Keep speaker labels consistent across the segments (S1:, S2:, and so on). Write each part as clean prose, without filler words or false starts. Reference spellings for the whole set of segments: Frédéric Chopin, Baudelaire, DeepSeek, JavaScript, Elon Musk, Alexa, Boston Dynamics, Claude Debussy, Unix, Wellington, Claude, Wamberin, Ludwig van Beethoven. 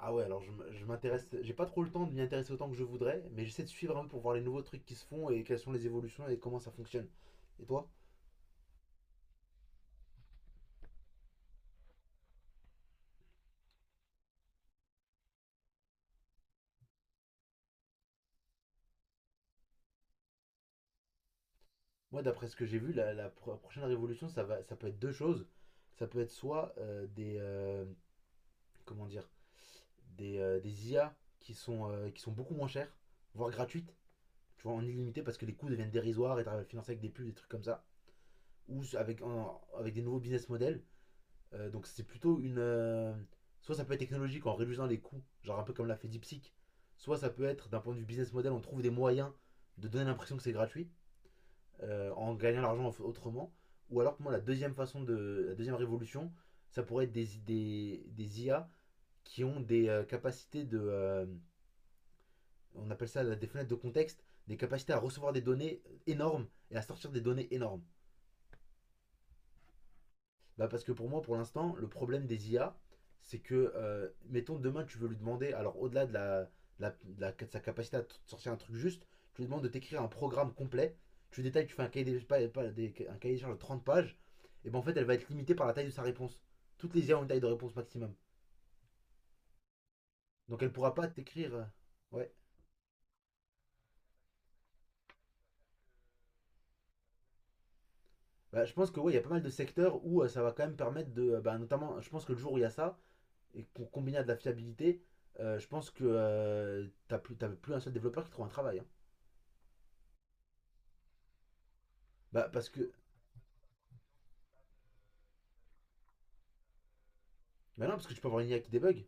S1: Ah ouais, alors je m'intéresse, j'ai pas trop le temps de m'y intéresser autant que je voudrais, mais j'essaie de suivre un peu pour voir les nouveaux trucs qui se font et quelles sont les évolutions et comment ça fonctionne. Et toi? Moi, d'après ce que j'ai vu, la prochaine révolution, ça peut être deux choses. Ça peut être soit des, comment dire, des IA qui sont beaucoup moins chères, voire gratuites, tu vois, en illimité parce que les coûts deviennent dérisoires et t'arrives à le financer avec des pubs, des trucs comme ça, ou avec des nouveaux business models. Donc c'est plutôt une. Soit ça peut être technologique en réduisant les coûts, genre un peu comme l'a fait DeepSeek. Soit ça peut être d'un point de vue business model, on trouve des moyens de donner l'impression que c'est gratuit en gagnant l'argent autrement. Ou alors pour moi la deuxième façon de la deuxième révolution, ça pourrait être des IA qui ont des capacités de on appelle ça des fenêtres de contexte, des capacités à recevoir des données énormes et à sortir des données énormes. Parce que pour moi, pour l'instant, le problème des IA, c'est que, mettons, demain, tu veux lui demander, alors au-delà de sa capacité à te sortir un truc juste, tu lui demandes de t'écrire un programme complet, tu détailles, tu fais un cahier des, pas- pas- des- un cahier des charges de 30 pages, et ben en fait, elle va être limitée par la taille de sa réponse. Toutes les IA ont une taille de réponse maximum. Donc elle pourra pas t'écrire. Ouais. Bah, je pense que ouais, il y a pas mal de secteurs où ça va quand même permettre de, bah, notamment, je pense que le jour où il y a ça, et pour combiner à de la fiabilité, je pense que t'as plus un seul développeur qui trouve un travail, hein. Bah parce que, bah non, parce que tu peux avoir une IA qui débug.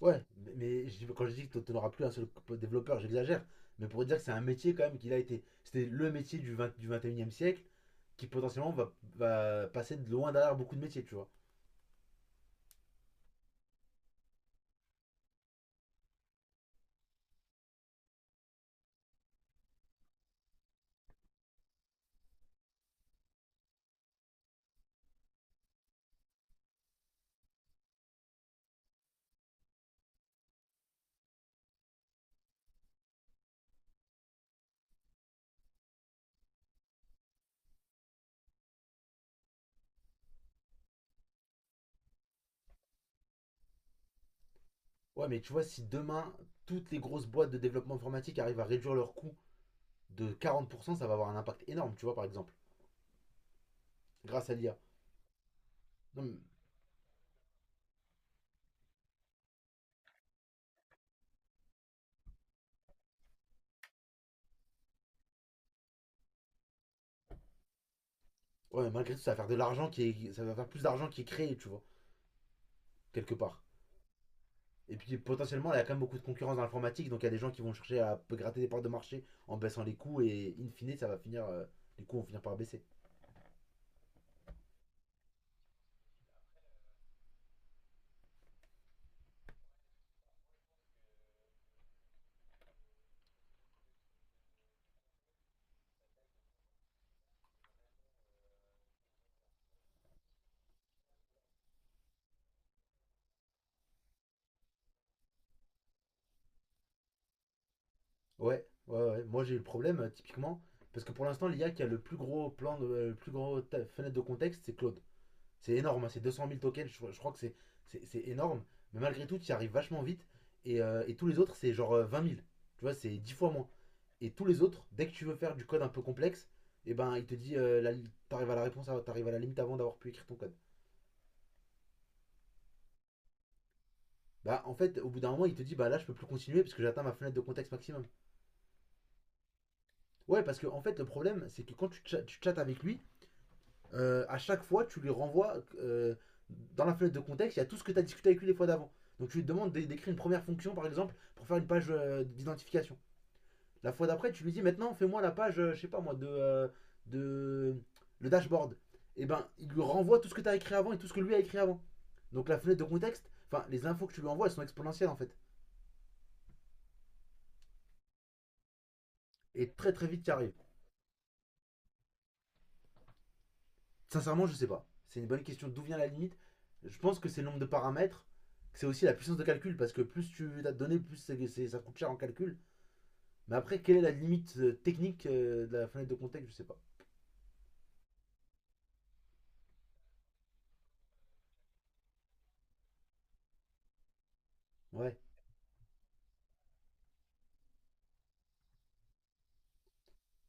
S1: Ouais, mais quand je dis que tu n'auras plus un seul développeur, j'exagère. Mais pour dire que c'est un métier quand même qu'il a été, c'était le métier du 21e siècle qui potentiellement va passer de loin derrière beaucoup de métiers, tu vois. Ouais, mais tu vois, si demain toutes les grosses boîtes de développement informatique arrivent à réduire leurs coûts de 40%, ça va avoir un impact énorme, tu vois, par exemple, grâce à l'IA. Non, mais ouais, malgré tout, ça va faire plus d'argent qui est créé, tu vois, quelque part. Et puis potentiellement, il y a quand même beaucoup de concurrence dans l'informatique, donc il y a des gens qui vont chercher à gratter des parts de marché en baissant les coûts et in fine, les coûts vont finir par baisser. Ouais, ouais, ouais. Moi, j'ai eu le problème typiquement parce que pour l'instant, l'IA qui a le plus gros plan, de, le plus gros fenêtre de contexte, c'est Claude. C'est énorme, hein, c'est 200 000 tokens. Je crois que c'est énorme, mais malgré tout, tu y arrives vachement vite. Et tous les autres, c'est genre 20 000. Tu vois, c'est 10 fois moins. Et tous les autres, dès que tu veux faire du code un peu complexe, et eh ben il te dit t'arrives à la limite avant d'avoir pu écrire ton code. Bah en fait, au bout d'un moment, il te dit bah là je peux plus continuer parce que j'atteins ma fenêtre de contexte maximum. Ouais, parce que en fait le problème c'est que quand tu chattes avec lui, à chaque fois tu lui renvoies dans la fenêtre de contexte, il y a tout ce que tu as discuté avec lui les fois d'avant. Donc tu lui demandes d'écrire une première fonction par exemple pour faire une page d'identification. La fois d'après, tu lui dis maintenant, fais-moi la page, je sais pas moi, de le dashboard. Et ben, il lui renvoie tout ce que tu as écrit avant et tout ce que lui a écrit avant. Donc la fenêtre de contexte, enfin, les infos que tu lui envoies, elles sont exponentielles en fait. Et très très vite, tu arrives. Sincèrement, je sais pas. C'est une bonne question d'où vient la limite. Je pense que c'est le nombre de paramètres, que c'est aussi la puissance de calcul, parce que plus tu as de données, plus ça coûte cher en calcul. Mais après, quelle est la limite technique de la fenêtre de contexte? Je sais pas. Ouais.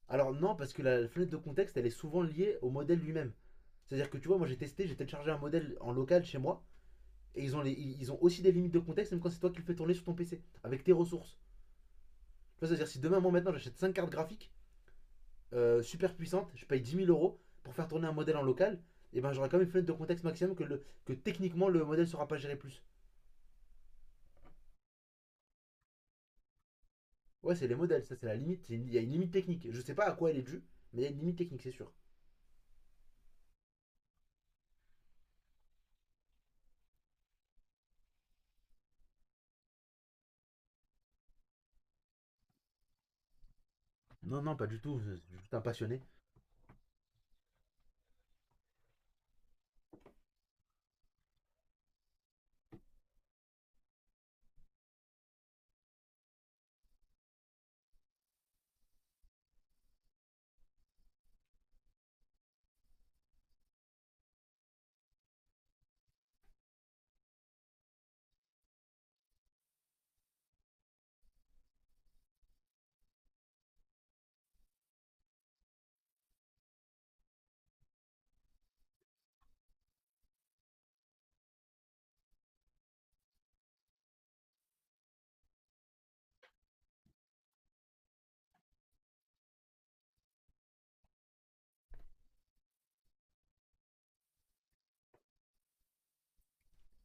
S1: Alors non, parce que la fenêtre de contexte, elle est souvent liée au modèle lui-même. C'est-à-dire que tu vois, moi j'ai testé, j'ai téléchargé un modèle en local chez moi, et ils ont aussi des limites de contexte, même quand c'est toi qui le fais tourner sur ton PC, avec tes ressources. Tu vois, c'est-à-dire si demain, moi maintenant, j'achète 5 cartes graphiques super puissantes, je paye 10 000 euros pour faire tourner un modèle en local, et ben j'aurai quand même une fenêtre de contexte maximum que techniquement le modèle sera pas géré plus. Ouais, c'est les modèles, ça c'est la limite, il y a une limite technique. Je sais pas à quoi elle est due, mais il y a une limite technique, c'est sûr. Non, non, pas du tout, je suis un passionné.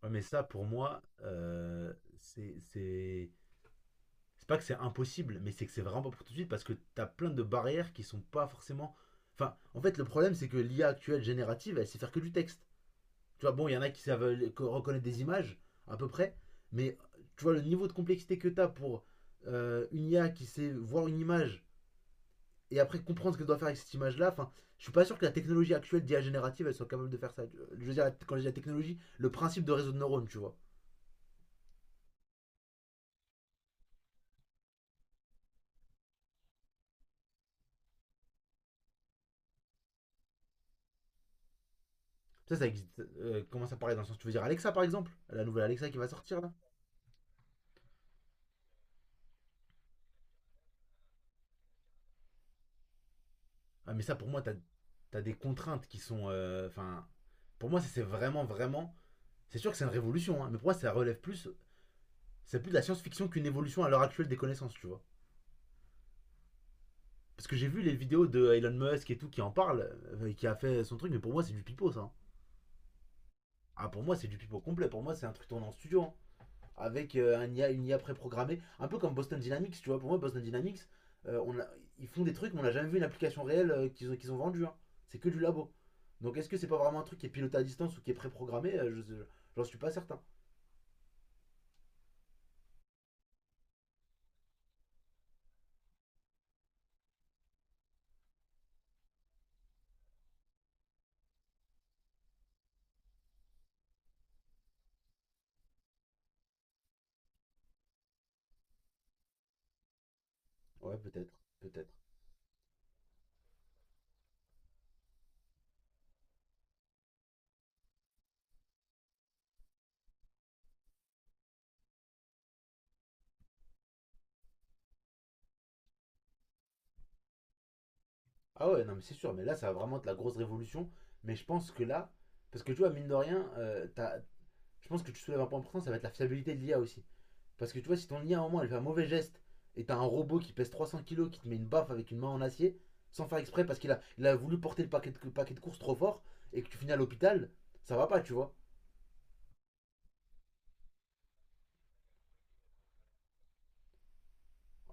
S1: Ouais, mais ça, pour moi, c'est- c'est c'est pas que c'est impossible, mais c'est que c'est vraiment pas pour tout de suite parce que t'as plein de barrières qui sont pas forcément. Enfin, en fait, le problème, c'est que l'IA actuelle générative, elle sait faire que du texte. Tu vois, bon, il y en a qui savent reconnaître des images, à peu près, mais tu vois, le niveau de complexité que t'as pour une IA qui sait voir une image et après comprendre ce qu'elle doit faire avec cette image-là, enfin, je suis pas sûr que la technologie actuelle d'IA générative, elle soit capable de faire ça. Je veux dire, quand je dis la technologie, le principe de réseau de neurones, tu vois. Ça existe. Comment ça paraît dans le sens, tu veux dire Alexa par exemple? La nouvelle Alexa qui va sortir là? Ah, mais ça, pour moi, t'as des contraintes qui sont. Enfin, pour moi, ça, c'est vraiment, vraiment. C'est sûr que c'est une révolution, hein, mais pour moi, ça relève plus. C'est plus de la science-fiction qu'une évolution à l'heure actuelle des connaissances, tu vois. Parce que j'ai vu les vidéos de Elon Musk et tout qui en parle, qui a fait son truc, mais pour moi, c'est du pipeau, ça, hein. Ah, pour moi, c'est du pipeau complet. Pour moi, c'est un truc tourné en studio, hein, avec une IA préprogrammée, un peu comme Boston Dynamics, tu vois. Pour moi, Boston Dynamics, euh, on a- ils font des trucs, mais on n'a jamais vu une application réelle qu'ils ont vendue, hein. C'est que du labo. Donc, est-ce que c'est pas vraiment un truc qui est piloté à distance ou qui est préprogrammé? J'en suis pas certain. Ouais, peut-être, peut-être. Ah ouais, non, mais c'est sûr. Mais là, ça va vraiment être la grosse révolution. Mais je pense que là, parce que tu vois, mine de rien, je pense que tu soulèves un point important, ça va être la fiabilité de l'IA aussi. Parce que tu vois, si ton IA en moins elle fait un mauvais geste et t'as un robot qui pèse 300 kilos qui te met une baffe avec une main en acier, sans faire exprès parce qu'il a voulu porter le paquet de courses trop fort et que tu finis à l'hôpital, ça va pas, tu vois.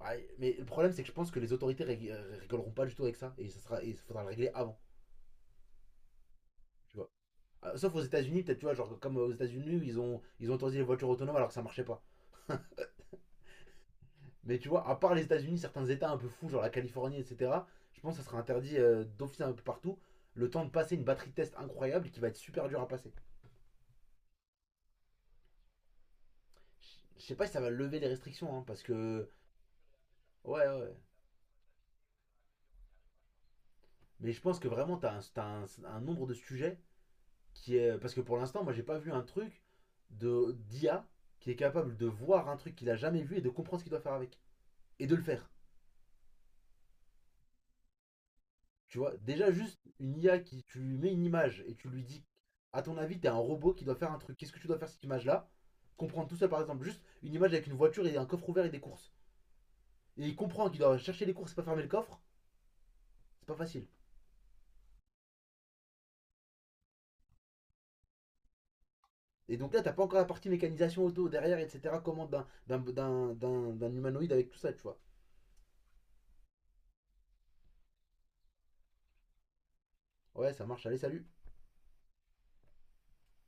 S1: Ouais, mais le problème, c'est que je pense que les autorités rigoleront pas du tout avec ça et il faudra le régler avant, tu vois. Sauf aux États-Unis, peut-être, tu vois, genre comme aux États-Unis, ils ont autorisé les voitures autonomes alors que ça marchait pas. Mais tu vois, à part les États-Unis, certains États un peu fous, genre la Californie, etc., je pense que ça sera interdit d'office un peu partout. Le temps de passer une batterie de test incroyable qui va être super dur à passer. Je sais pas si ça va lever les restrictions, hein, parce que. Ouais, ouais. Ouais. Mais je pense que vraiment, t'as un nombre de sujets qui est. Parce que pour l'instant, moi, j'ai pas vu un truc de d'IA qui est capable de voir un truc qu'il a jamais vu et de comprendre ce qu'il doit faire avec. Et de le faire. Tu vois, déjà juste une IA qui, tu lui mets une image et tu lui dis, à ton avis, t'es un robot qui doit faire un truc, qu'est-ce que tu dois faire cette image-là? Comprendre tout seul, par exemple, juste une image avec une voiture et un coffre ouvert et des courses. Et il comprend qu'il doit chercher les courses et pas fermer le coffre, c'est pas facile. Et donc là, t'as pas encore la partie mécanisation auto derrière, etc. Comment d'un humanoïde avec tout ça, tu vois. Ouais, ça marche, allez, salut.